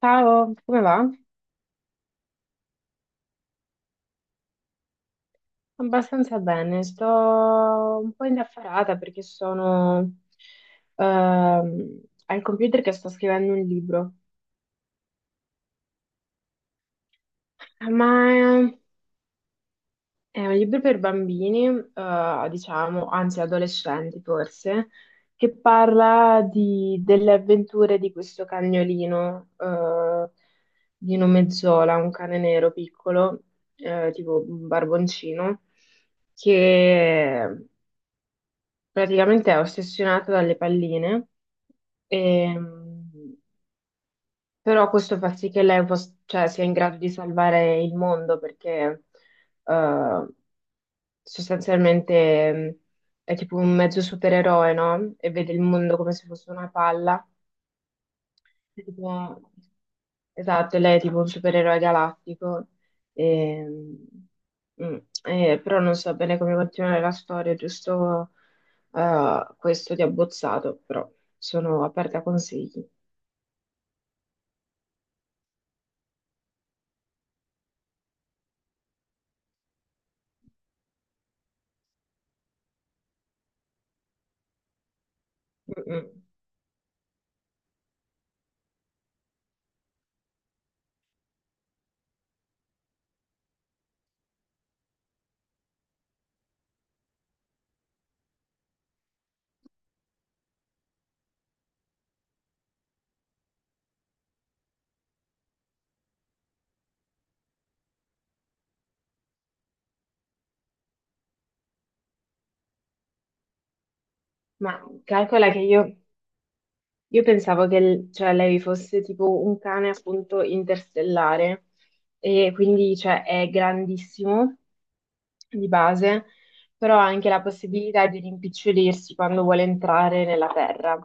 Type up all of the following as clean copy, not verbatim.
Ciao, come va? Abbastanza bene, sto un po' indaffarata perché sono ehm, al computer che sto scrivendo un libro, ma è un libro per bambini, diciamo, anzi adolescenti forse, che parla delle avventure di questo cagnolino di nome Zola, un cane nero piccolo, tipo un barboncino che praticamente è ossessionata dalle palline, ehm, però questo fa sì che lei cioè, sia in grado di salvare il mondo perché eh, sostanzialmente è tipo un mezzo supereroe, no? E vede il mondo come se fosse una palla. Tipo- Esatto, lei è tipo un supereroe galattico, e, mm, però non so bene come continuare la storia, giusto questo di abbozzato, però sono aperta a consigli. Mm, mm. Ma calcola che io. Pensavo che cioè, lei fosse tipo un cane appunto interstellare e quindi cioè, è grandissimo di base, però ha anche la possibilità di rimpicciolirsi quando vuole entrare nella Terra,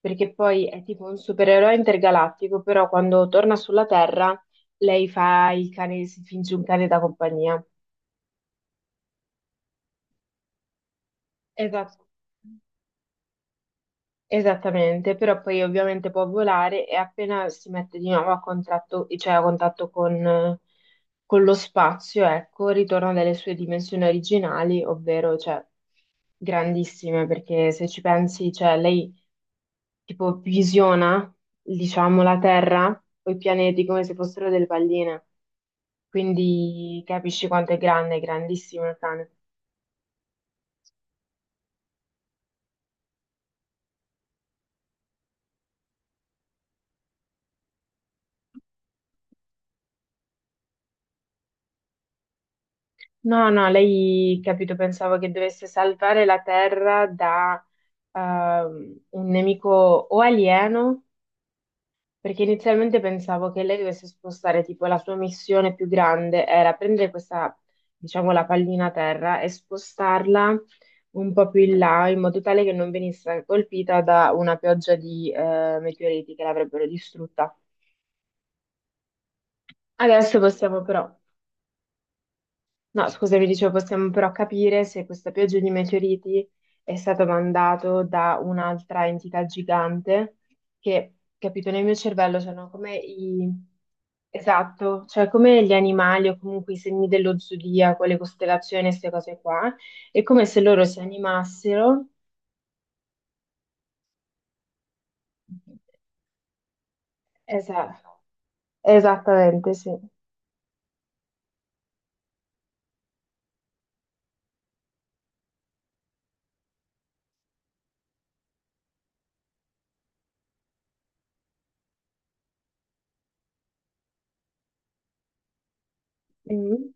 perché poi è tipo un supereroe intergalattico, però quando torna sulla Terra lei fa il cane, si finge un cane da compagnia. Esatto. Esattamente, però poi ovviamente può volare e appena si mette di nuovo a cioè a contatto con lo spazio, ecco, ritorna nelle sue dimensioni originali, ovvero cioè, grandissime, perché se ci pensi, cioè, lei tipo visiona, diciamo, la Terra o i pianeti come se fossero delle palline, quindi capisci quanto è grande, è grandissimo il cane. No, no, lei, capito, pensavo che dovesse salvare la Terra da un nemico o alieno, perché inizialmente pensavo che lei dovesse spostare, tipo, la sua missione più grande era prendere questa, diciamo, la pallina Terra e spostarla un po' più in là, in modo tale che non venisse colpita da una pioggia di meteoriti che l'avrebbero distrutta. Adesso possiamo però... No, scusami, dicevo, possiamo però capire se questa pioggia di meteoriti è stata mandata da un'altra entità gigante che, capito, nel mio cervello sono come i... Esatto, cioè come gli animali o comunque i segni dello zodiaco, le costellazioni, queste cose qua, è come se loro si animassero. Esatto, esattamente, sì. Mm.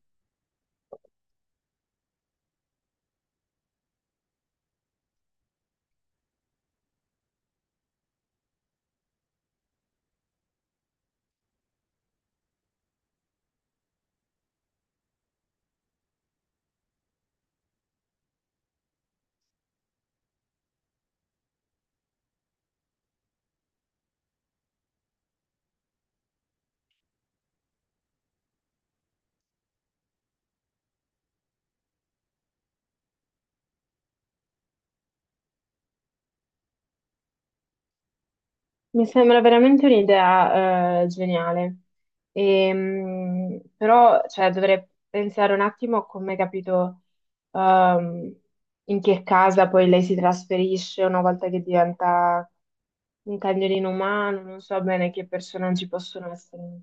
Mi sembra veramente un'idea geniale. Però cioè, dovrei pensare un attimo a come capito ehm, in che casa poi lei si trasferisce una volta che diventa un cagnolino umano, non so bene che personaggi possono essere.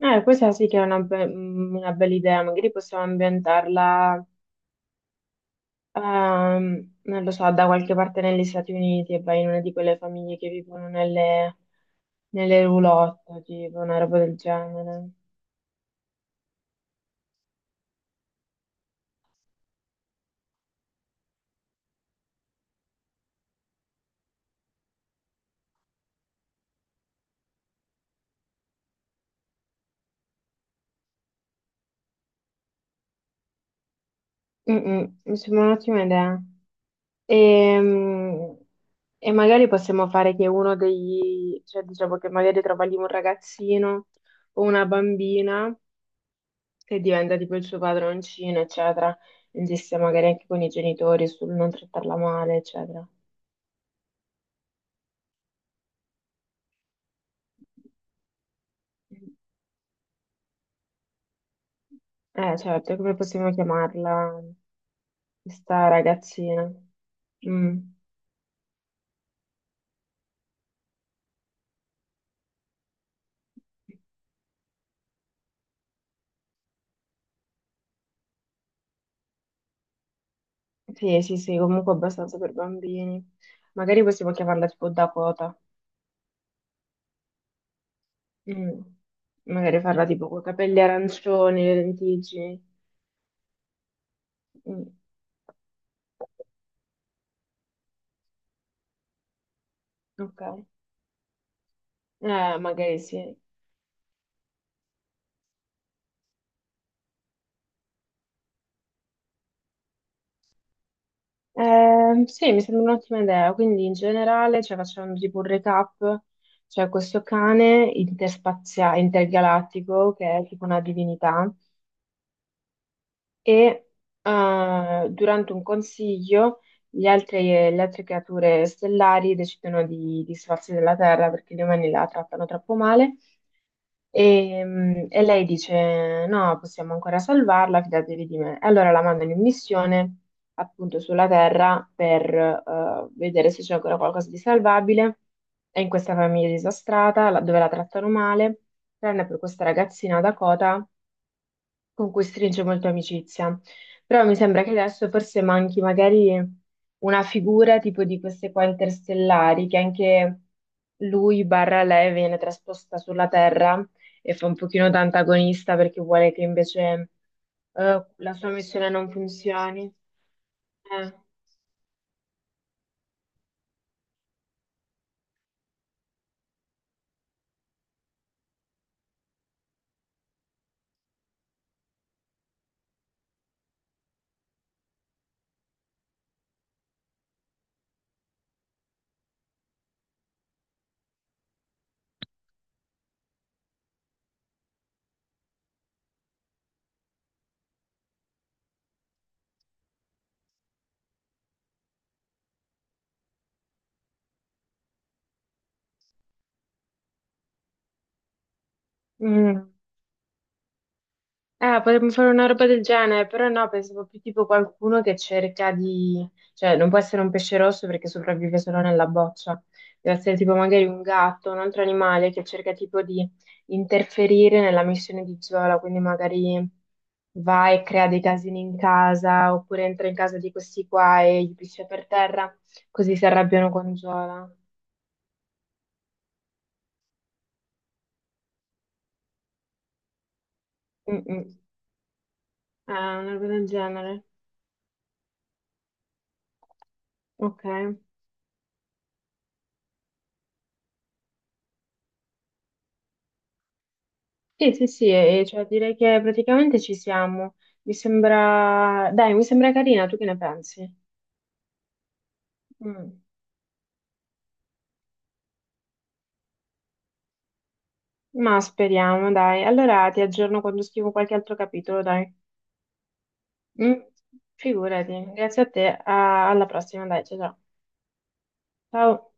Questa sì che è una, una bella idea, magari possiamo ambientarla. Non lo so, da qualche parte negli Stati Uniti e vai in una di quelle famiglie che vivono nelle, nelle roulotte, tipo una roba del genere. Mm, mm, mi sembra un'ottima idea. Ehm, E, magari possiamo fare che uno degli, cioè diciamo che magari trova lì un ragazzino o una bambina che diventa tipo il suo padroncino, eccetera. Insiste magari anche con i genitori sul non trattarla male, eccetera. Certo, come possiamo chiamarla questa ragazzina? Mm. Sì, sì, sì, comunque abbastanza per bambini. Magari possiamo chiamarla tipo Dakota. Mm. Magari farla tipo con capelli arancioni, le lentiggini. Mm. Ok. Magari sì. Sì, mi sembra un'ottima idea. Quindi in generale, cioè, facciamo tipo un recap, cioè questo cane interspaziale, intergalattico, che è tipo una divinità, e durante un consiglio gli le altre creature stellari decidono di sfarsi della Terra perché gli umani la trattano troppo male e, e lei dice: "No, possiamo ancora salvarla, fidatevi di me". E allora la mandano in missione appunto sulla Terra per vedere se c'è ancora qualcosa di salvabile. È in questa famiglia disastrata dove la trattano male, tranne per questa ragazzina Dakota con cui stringe molto amicizia. Però mi sembra che adesso forse manchi magari una figura tipo di queste qua interstellari, che anche lui barra lei viene trasposta sulla Terra e fa un pochino da antagonista perché vuole che invece la sua missione non funzioni. Eh. Mm. Potremmo fare una roba del genere, però no, pensavo più tipo qualcuno che cerca di... cioè non può essere un pesce rosso perché sopravvive solo nella boccia, deve essere tipo magari un gatto, un altro animale che cerca tipo di interferire nella missione di Zola, quindi magari va e crea dei casini in casa, oppure entra in casa di questi qua e gli piscia per terra, così si arrabbiano con Zola. Mm-mm. Una roba del genere. Ok. Sì, sì, sì, e cioè direi che praticamente ci siamo. Mi sembra, dai, mi sembra carina, tu che ne pensi? Mm. Ma speriamo, dai. Allora ti aggiorno quando scrivo qualche altro capitolo, dai. Mm. Figurati, grazie a te, alla prossima, dai, ciao ciao. Ciao.